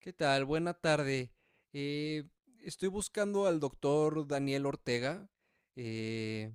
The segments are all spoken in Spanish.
¿Qué tal? Buena tarde. Eh, Estoy buscando al doctor Daniel Ortega. Eh,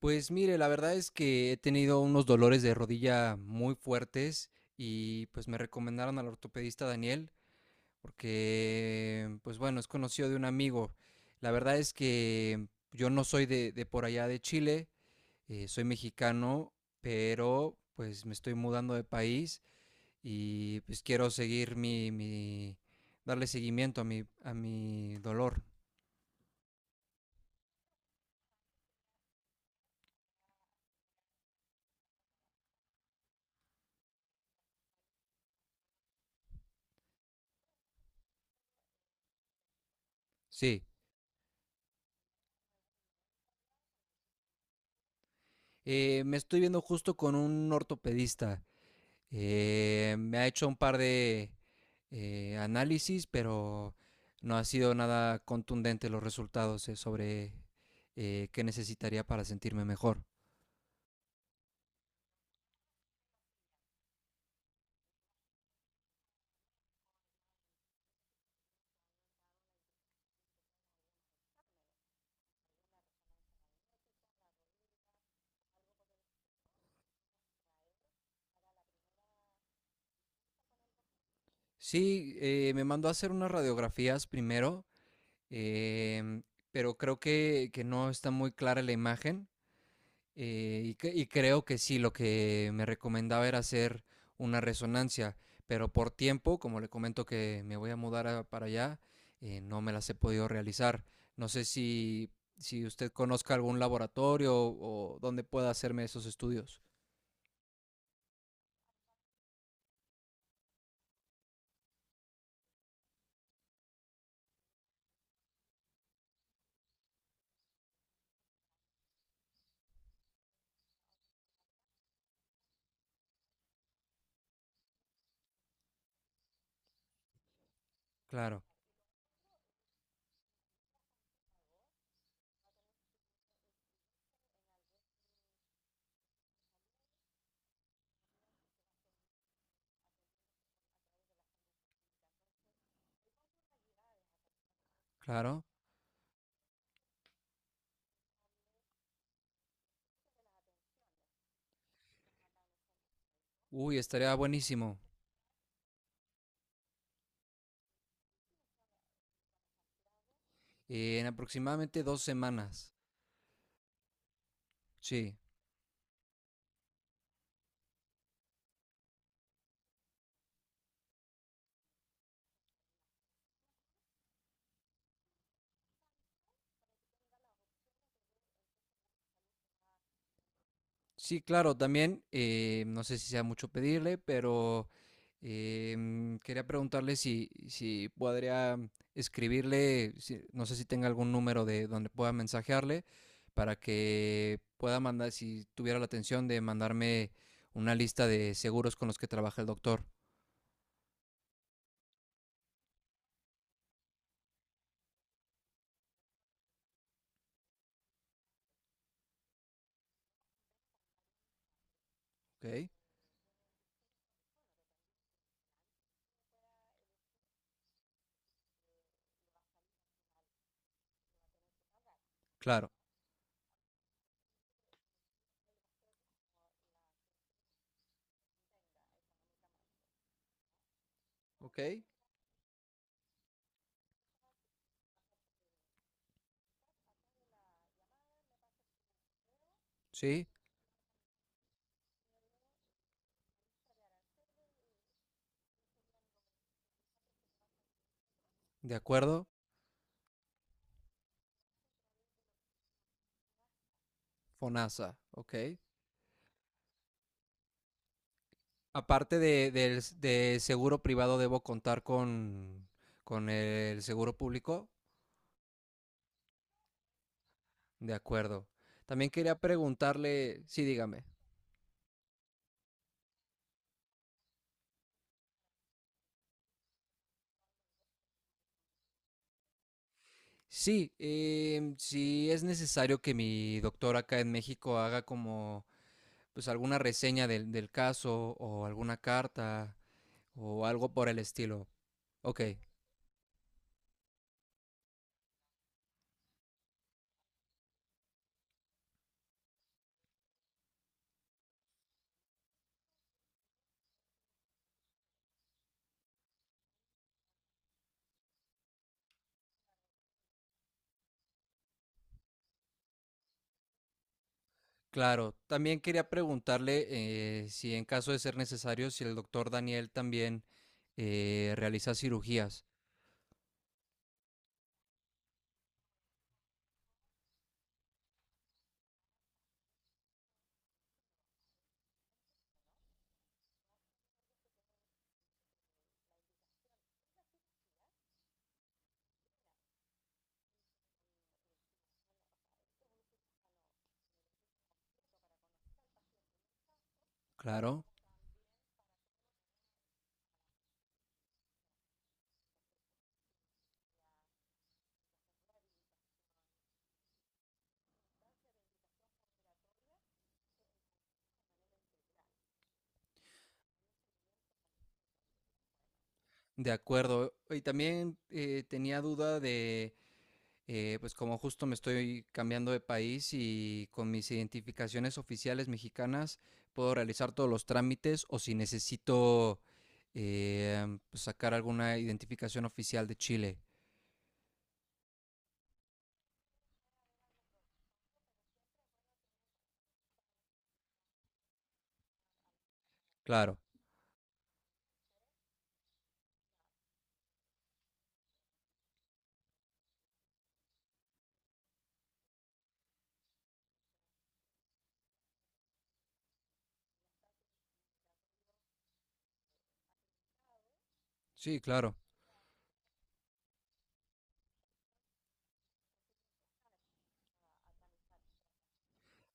pues mire, la verdad es que he tenido unos dolores de rodilla muy fuertes y pues me recomendaron al ortopedista Daniel porque, pues bueno, es conocido de un amigo. La verdad es que yo no soy de por allá de Chile, soy mexicano, pero pues me estoy mudando de país y pues quiero seguir mi darle seguimiento a mi dolor. Sí. Me estoy viendo justo con un ortopedista. Me ha hecho un par de análisis, pero no ha sido nada contundente los resultados sobre qué necesitaría para sentirme mejor. Sí, me mandó a hacer unas radiografías primero, em, pero creo que no está muy clara la imagen. Y creo que sí, lo que me recomendaba era hacer una resonancia, pero por tiempo, como le comento que me voy a mudar para allá, no me las he podido realizar. No sé si usted conozca algún laboratorio o donde pueda hacerme esos estudios. Claro, claro. Uy, estaría buenísimo. En aproximadamente 2 semanas. Sí. Sí, claro, también, no sé si sea mucho pedirle, pero quería preguntarle si podría escribirle, no sé si tenga algún número de donde pueda mensajearle para que pueda mandar, si tuviera la atención de mandarme una lista de seguros con los que trabaja el doctor. Ok, claro. Ok, sí, de acuerdo. FONASA, ok. Aparte de seguro privado, debo contar con el seguro público. De acuerdo. También quería preguntarle, sí, dígame. Sí, si es necesario que mi doctor acá en México haga como pues alguna reseña del caso o alguna carta o algo por el estilo. Ok, claro. También quería preguntarle si en caso de ser necesario, si el doctor Daniel también realiza cirugías. Claro. De acuerdo. Y también tenía duda de, pues como justo me estoy cambiando de país y con mis identificaciones oficiales mexicanas, ¿puedo realizar todos los trámites o si necesito eh, pues, sacar alguna identificación oficial de Chile? Claro, sí, claro.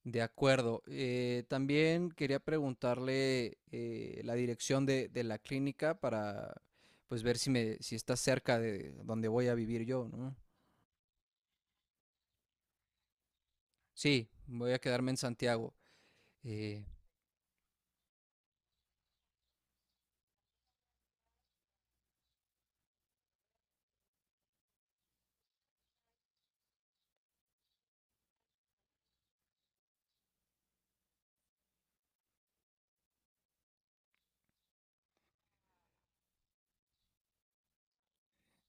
De acuerdo. También quería preguntarle la dirección de la clínica para pues ver si está cerca de donde voy a vivir yo, ¿no? Sí, voy a quedarme en Santiago. Eh,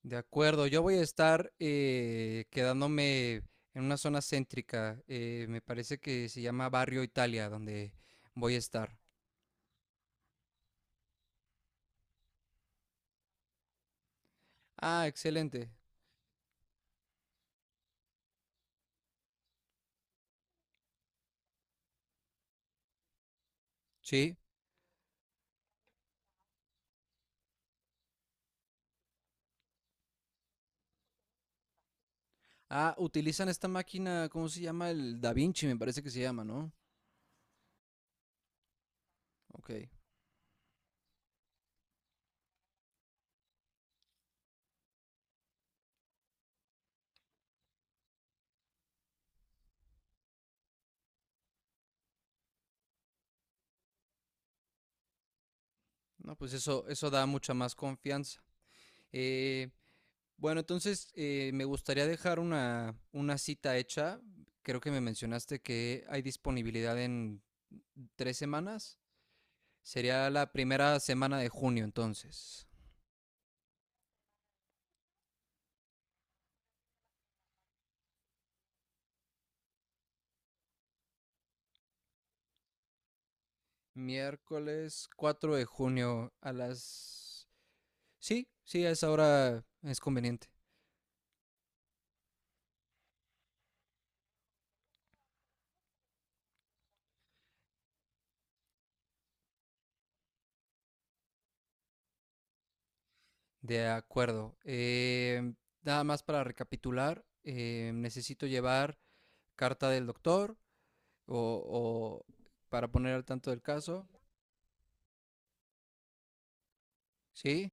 de acuerdo, yo voy a estar quedándome en una zona céntrica. Me parece que se llama Barrio Italia, donde voy a estar. Ah, excelente. Sí. Ah, utilizan esta máquina, ¿cómo se llama? El Da Vinci, me parece que se llama, ¿no? Ok. No, pues eso da mucha más confianza. Eh, bueno, entonces me gustaría dejar una cita hecha. Creo que me mencionaste que hay disponibilidad en 3 semanas. Sería la primera semana de junio entonces. Miércoles 4 de junio a las... Sí, sí, a esa hora es conveniente. De acuerdo. Nada más para recapitular, necesito llevar carta del doctor o, o para poner al tanto del caso. Sí,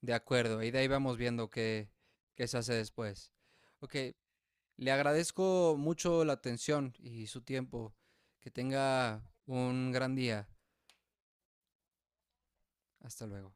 de acuerdo. Y de ahí vamos viendo qué, qué se hace después. Ok, le agradezco mucho la atención y su tiempo. Que tenga un gran día. Hasta luego.